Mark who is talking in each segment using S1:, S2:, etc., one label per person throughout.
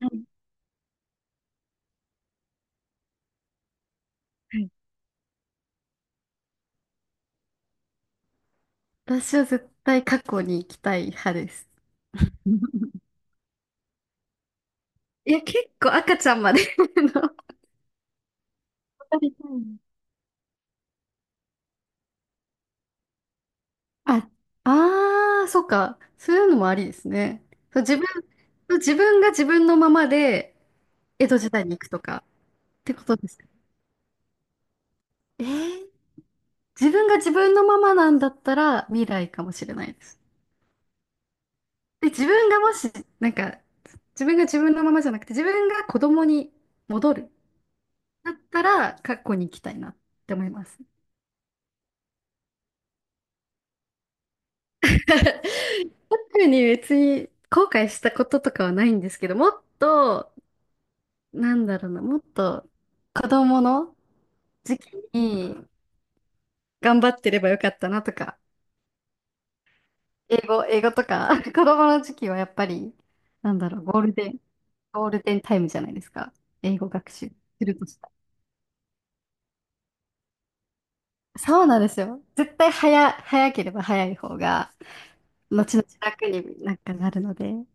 S1: はいはい、私は絶対過去に行きたい派です。いや、結構赤ちゃんまでのあ、ああ、そっか。そういうのもありですね。そう、自分、そう、自分が自分のままで江戸時代に行くとかってことですか。えー、自分が自分のままなんだったら未来かもしれないです。で、自分がもし、なんか、自分が自分のままじゃなくて、自分が子供に戻るだったら過去に行きたいなって思います。特に別に後悔したこととかはないんですけど、もっと、なんだろうな、もっと子供の時期に頑張ってればよかったなとか、英語とか、子供の時期はやっぱり、なんだろう、ゴールデン、ゴールデンタイムじゃないですか。英語学習するとしたら。そうなんですよ。絶対早、早ければ早い方が、後々楽になんかなるので。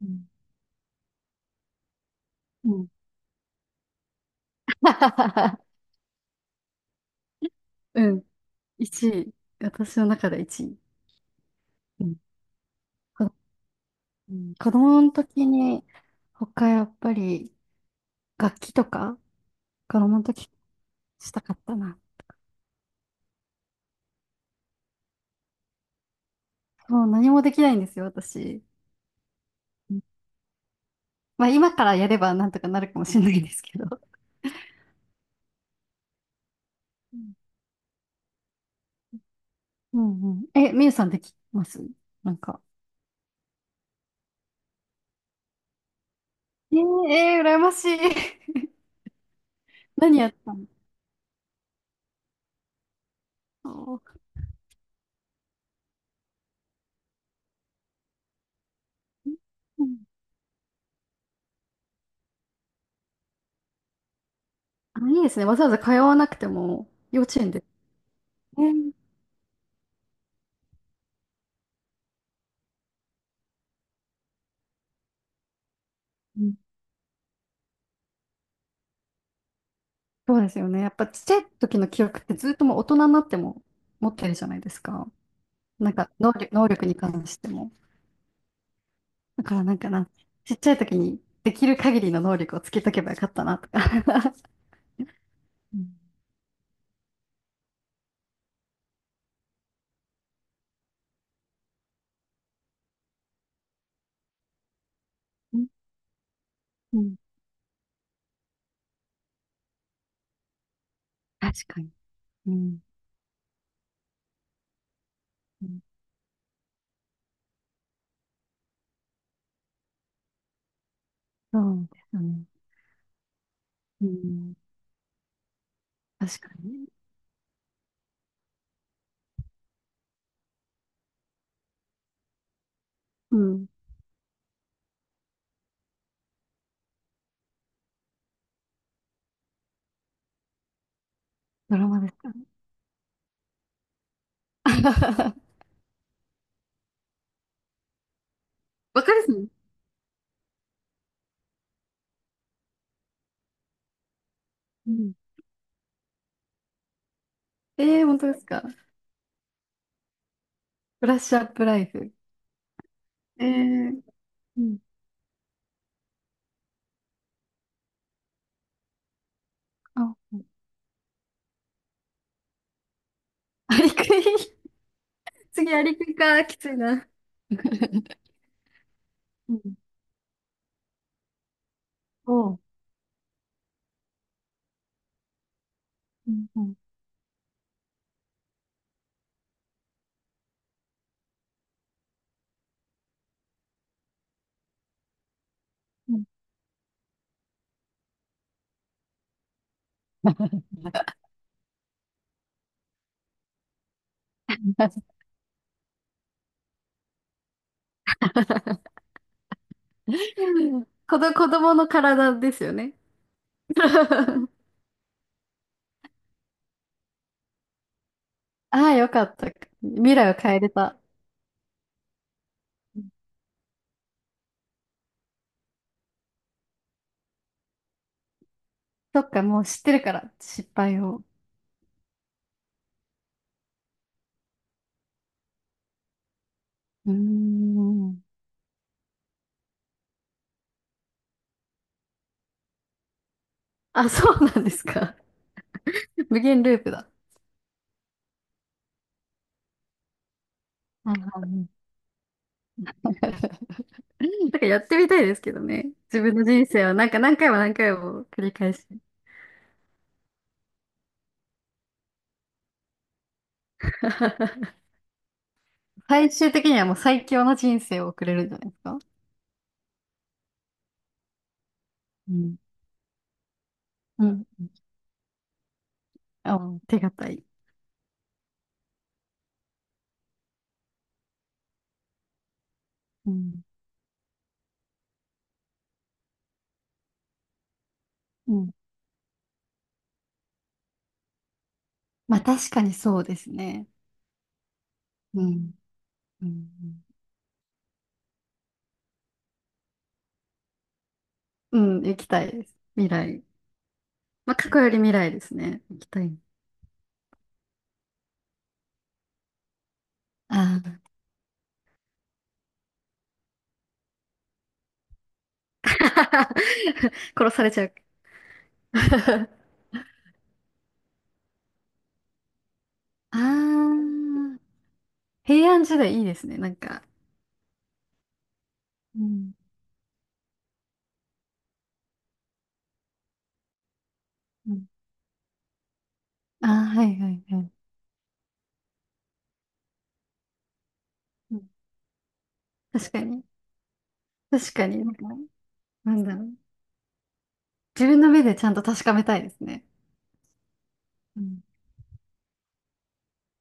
S1: うん。うん。うん。1位。私の中で1位。うんうん、子供の時に、他やっぱり楽器とか、子供の時したかったな。もう何もできないんですよ、私。うん、まあ今からやればなんとかなるかもしれないですけど。うんうんうん。え、みゆさんできますなんか。えー、えー、羨ましい。何やったの、そう、うん、あ、いいですね。わざわざ通わなくても、幼稚園で。ね、うん、そうですよね。やっぱちっちゃい時の記憶ってずっともう大人になっても持ってるじゃないですか。能力に関しても。だからなんかな、ちっちゃい時にできる限りの能力をつけとけばよかったなとか。うん、うん、確かに。うん、うん、そうですよね。うん、確かにね。うん。ドラマですかね。わかるっすね。うん。えー、本当ですか。ブラッシュアップライフ。えー、うん。あ、うん。アリクイ、次アリクイか、きついな。うん。おう。うん、うん、うん。子供の体ですよね。ああ、よかった。未来を変えれた。そっか、もう知ってるから、失敗を。うーん。あ、そうなんですか。無限ループだ。はいはいはい、なんかやってみたいですけどね。自分の人生をなんか何回も何回も繰り返して。最終的にはもう最強の人生を送れるんじゃないですか。うん。うん。あ、うん、手堅い。うん。うん、まあ確かにそうですね。うん。うん。うん、行きたいです。未来。まあ、過去より未来ですね。行きたい。あー、 殺されちゃう。あー、平安時代いいですね。なんか、うんうん、ああ、はいはいはい。うん、確かに。確かに、なんか、なんだろう。自分の目でちゃんと確かめたいですね。うん。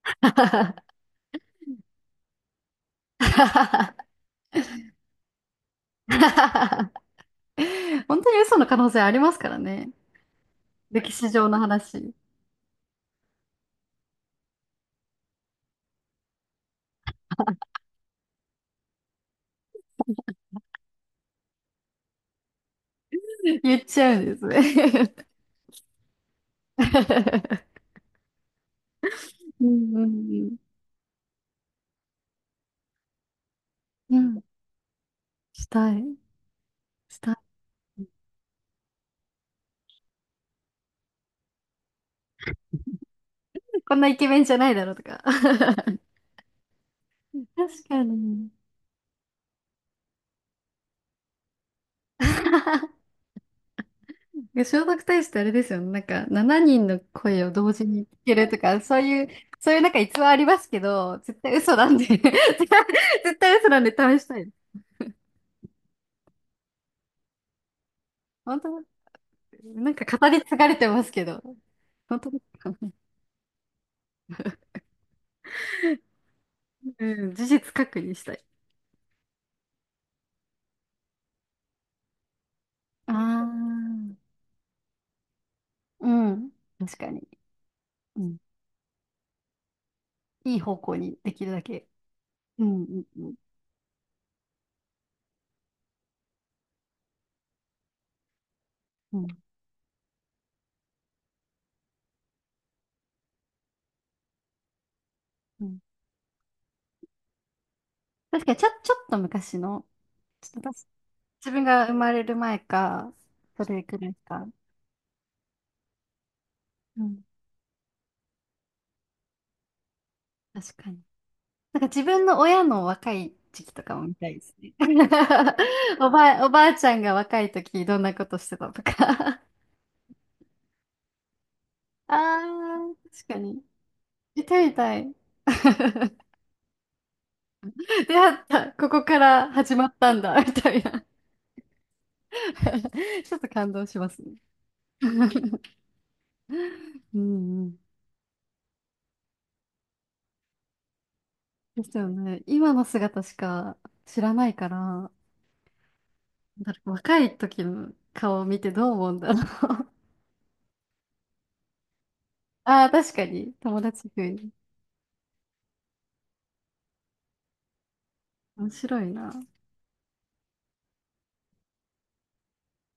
S1: 本当に嘘の可能性ありますからね。歴史上の話。言っちゃうんですね。 うんうんうんうん。したい。したい。こんなイケメンじゃないだろうとか。確かに。聖徳太子ってあれですよね。なんか、7人の声を同時に聞けるとか、そういう、そういうなんか逸話ありますけど、絶対嘘なんで 対絶対嘘なんで試したい。本当、なんか語り継がれてますけど。本当ですか。うん、事実確認したい。ああ、うん。確かに。うん。いい方向にできるだけ。うん、うん、うん、うん。うん、確かに、ちょっと昔の、ちょっと私、自分が生まれる前か、それくらいか。うん。確かに。なんか自分の親の若い時期とかも見たいですね。おばあちゃんが若い時どんなことしてたとか。あー、確かに。見たい見たい。出会った、ここから始まったんだ、みたいな。ちょっと感動しますね。うんうん。ですよね。今の姿しか知らないから。だ若い時の顔を見てどう思うんだろう。ああ、確かに。友達風に。面白いな。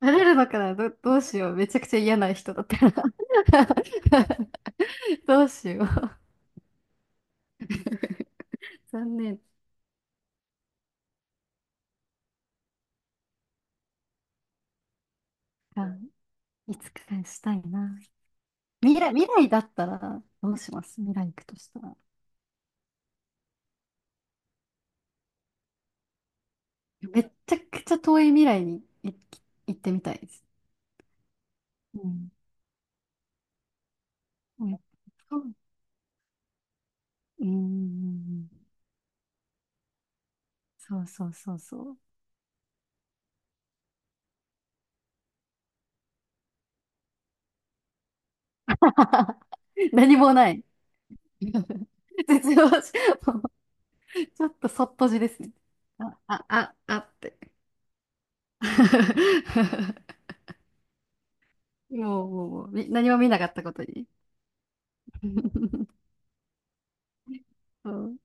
S1: なれるのかな、ど、どうしよう。めちゃくちゃ嫌な人だったら どうしよう。残念か。いつかしたいな。未来だったらどうします、未来行くとしたら。めっちゃくちゃ遠い未来に行ってみたいです。うん。うん、そう、うんうんうん、そうそうそうそう。何もない。絶望し、もうちょっとそっとじですね。あ、あ、あ、あって。もうみ何も見なかったことに。そう